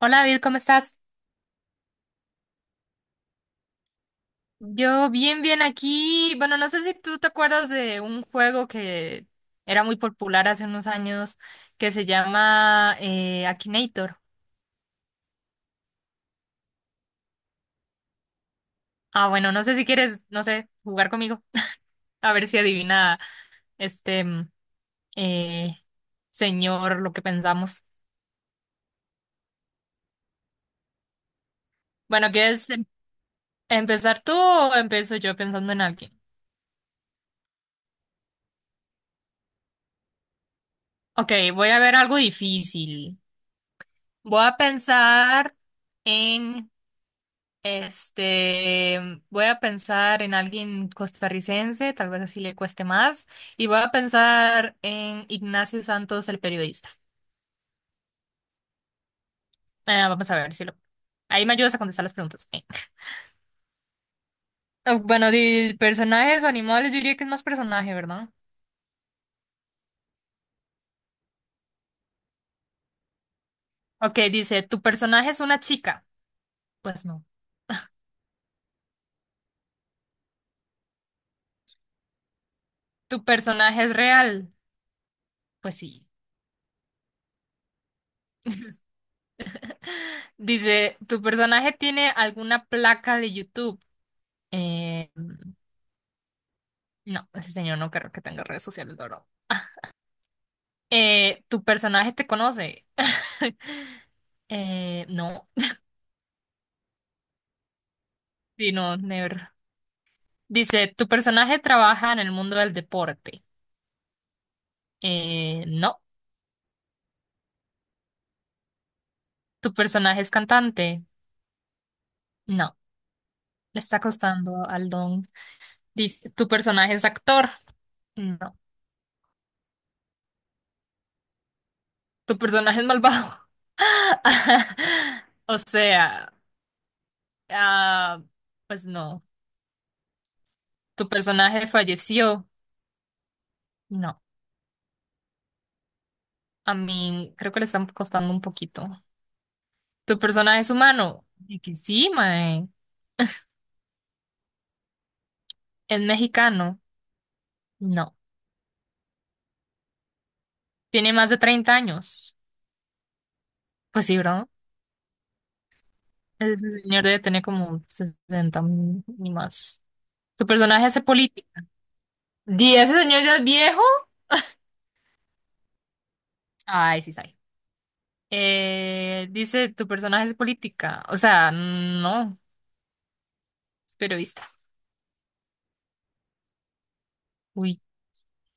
Hola David, ¿cómo estás? Yo bien, bien aquí. Bueno, no sé si tú te acuerdas de un juego que era muy popular hace unos años que se llama Akinator. Ah, bueno, no sé si quieres, no sé, jugar conmigo. A ver si adivina este eh, señor lo que pensamos. Bueno, ¿quieres empezar tú o empiezo yo pensando en alguien? Ok, voy a ver algo difícil. Voy a pensar en... Este, voy a pensar en alguien costarricense, tal vez así le cueste más, y voy a pensar en Ignacio Santos, el periodista. Vamos a ver si lo... Ahí me ayudas a contestar las preguntas. Ah, bueno, de personajes o animales, yo diría que es más personaje, ¿verdad? Ok, dice, ¿tu personaje es una chica? Pues no. ¿Tu personaje es real? Pues sí. Dice, ¿tu personaje tiene alguna placa de YouTube? Eh, no, ese señor no creo que tenga redes sociales, ¿la verdad? Tu personaje te conoce. No, sí, no, never. Dice, tu personaje trabaja en el mundo del deporte. No, tu personaje es cantante. No, le está costando al don. Dice, tu personaje es actor. No, tu personaje es malvado. O sea, ah, pues no, tu personaje falleció. No, a mí creo que le están costando un poquito. ¿Tu personaje es humano? Y que sí, mae. ¿Es mexicano? No. ¿Tiene más de 30 años? Pues sí, ¿verdad? Ese señor debe tener como 60 ni más. ¿Tu personaje hace política? ¿Y ese señor ya es viejo? Ay, sí, sabe. Dice, ¿tu personaje es política? O sea, no, es periodista. Uy.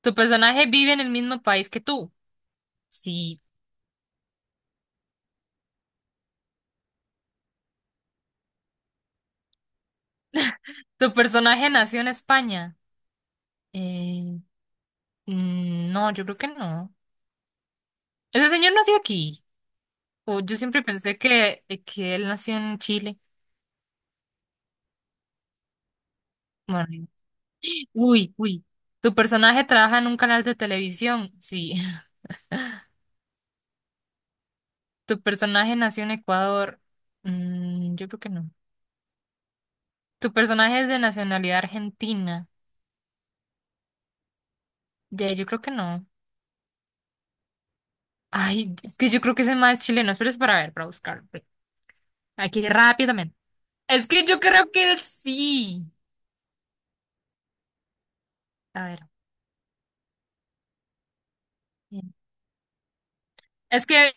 ¿Tu personaje vive en el mismo país que tú? Sí. ¿Tu personaje nació en España? Eh, no, yo creo que no. Ese señor nació aquí. O yo siempre pensé que él nació en Chile. Bueno, uy, uy. Tu personaje trabaja en un canal de televisión. Sí. Tu personaje nació en Ecuador. Mm, yo creo que no. Tu personaje es de nacionalidad argentina. Ya, yo creo que no. Ay, es que yo creo que ese más es chileno. Esperes para ver, para buscar. Aquí rápidamente. Es que yo creo que sí. A ver. eh, Es que.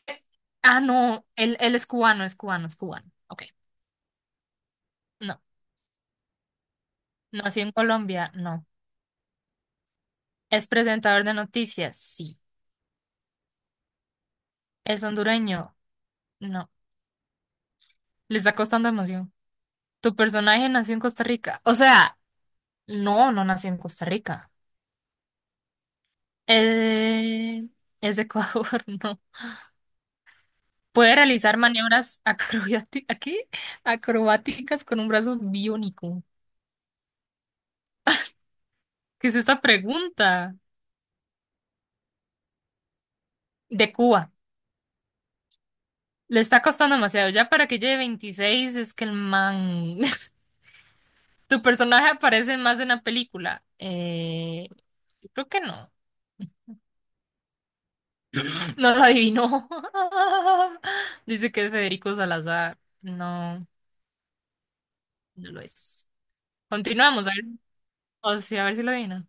Ah, no. Él es cubano, es cubano, es cubano. Ok. No. Nació en Colombia. No. ¿Es presentador de noticias? Sí. ¿Es hondureño? No. Le está costando emoción. ¿Tu personaje nació en Costa Rica? O sea, no, no nació en Costa Rica. Eh, ¿Es de Ecuador? No. ¿Puede realizar maniobras acrobati- aquí? Acrobáticas con un brazo biónico? ¿Qué es esta pregunta? De Cuba. Le está costando demasiado. Ya para que lleve 26. Es que el man... ¿Tu personaje aparece más en la película? Yo creo que no. No lo adivinó. Dice que es Federico Salazar. No, no lo es. Continuamos, a ver, o sea, a ver si lo adivina.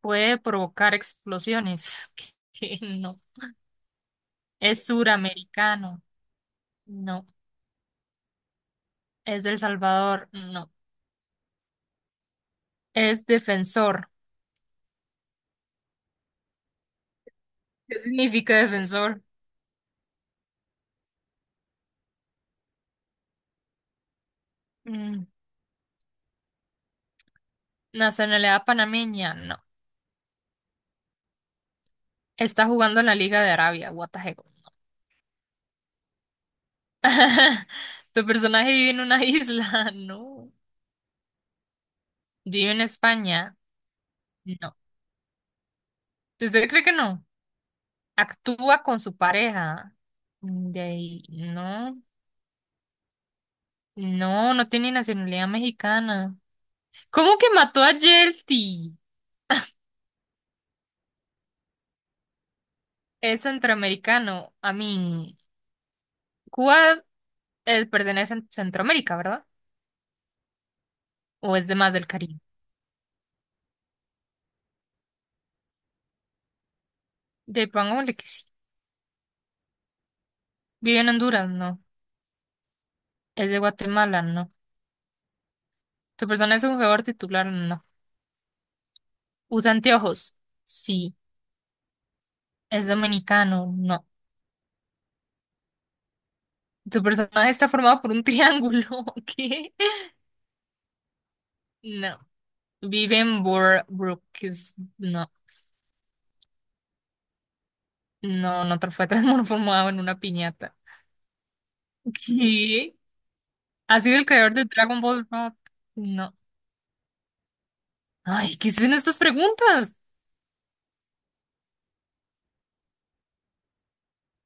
Puede provocar explosiones. Que no. Es suramericano. No. Es del Salvador. No. Es defensor. ¿Qué significa defensor? Mm. Nacionalidad panameña. No. Está jugando en la Liga de Arabia. What the heck. ¿Tu personaje vive en una isla? No. ¿Vive en España? No. ¿Usted cree que no? Actúa con su pareja. Mm, de ahí, no, no, no tiene nacionalidad mexicana. ¿Cómo que mató a Yelty? Es centroamericano. A mí, Cuba pertenece a Centroamérica, ¿verdad? ¿O es de más del Caribe? De pongámosle que sí. Vive en Honduras, no. Es de Guatemala, no. ¿Tu persona es un jugador titular? No. ¿Usa anteojos? Sí. ¿Es dominicano? No. ¿Tu personaje está formado por un triángulo? ¿Qué? No. Vive en Boardwalk, no, fue transformado en una piñata. ¿Qué? ¿Ha sido el creador de Dragon Ball Rock? No. Ay, ¿qué son estas preguntas?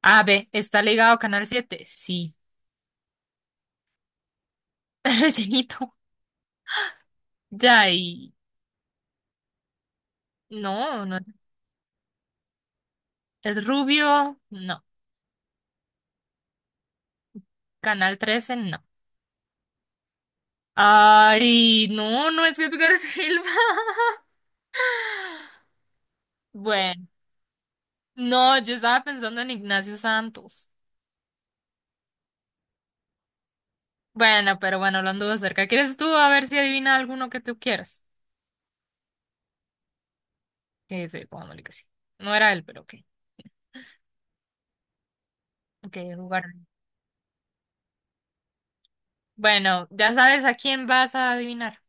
A, B, ¿está ligado a Canal 7? Sí. Rellenito. Ya, y no. ¿Es rubio? No. ¿Canal 13? No. Ay, no, no es Edgar Silva. Bueno, no, yo estaba pensando en Ignacio Santos. Bueno, pero bueno, lo anduvo cerca. ¿Quieres tú a ver si adivina alguno que tú quieras? Que sí, pongámosle que sí. No era él, pero ok. Ok, jugar. Bueno, ya sabes a quién vas a adivinar.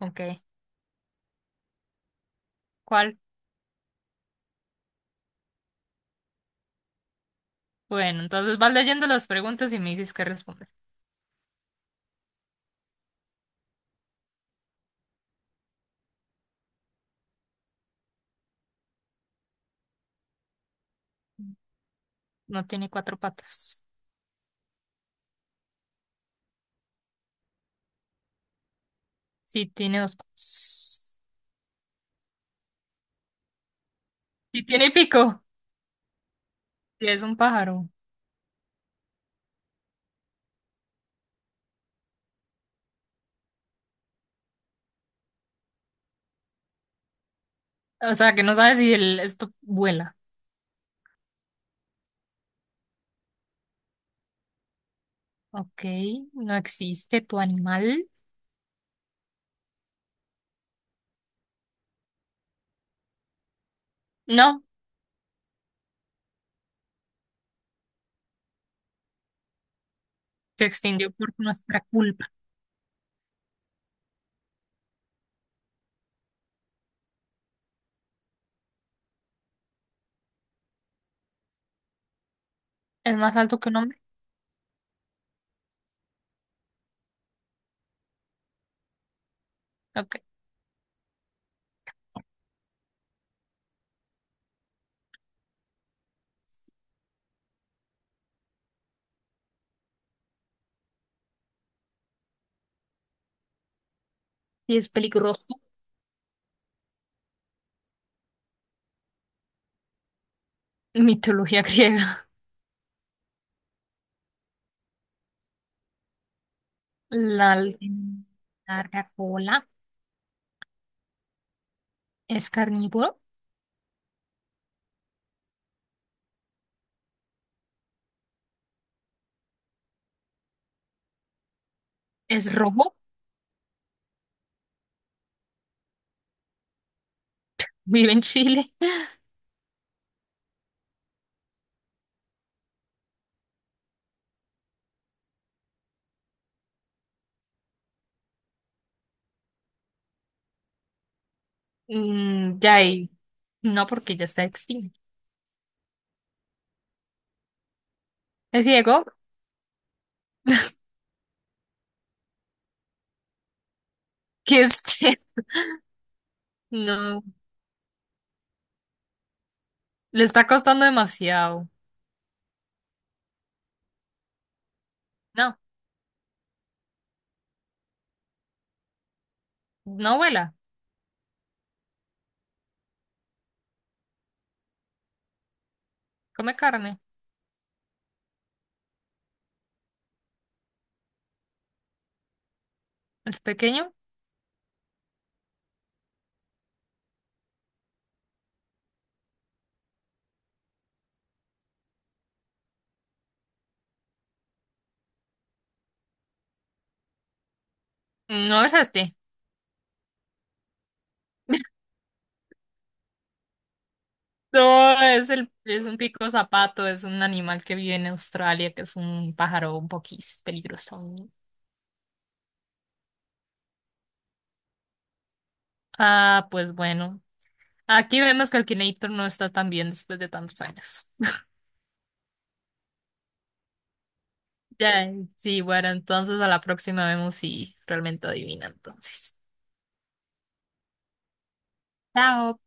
Ok, ¿cuál? Bueno, entonces vas leyendo las preguntas y me dices qué responder. No tiene cuatro patas. Sí, tiene dos patas. Sí, tiene pico. Sí, es un pájaro. O sea, que no sabes si el, esto vuela. Ok, no existe tu animal. No, se extinguió por nuestra culpa. ¿Es más alto que un hombre? Ok. Y es peligroso. Mitología griega. La alce- larga cola. Es carnívoro. Es rojo. Vive en Chile. Mm, ya ahí. No, porque ya está extinto. Es ciego. Que es no. Le está costando demasiado. No. No vuela. Come carne. Es pequeño. No es este. No, es el, es un pico zapato, es un animal que vive en Australia, que es un pájaro un poquís peligroso. Ah, pues bueno. Aquí vemos que Akinator no está tan bien después de tantos años. Ya, sí, bueno, entonces a la próxima vemos si realmente adivina entonces. Chao.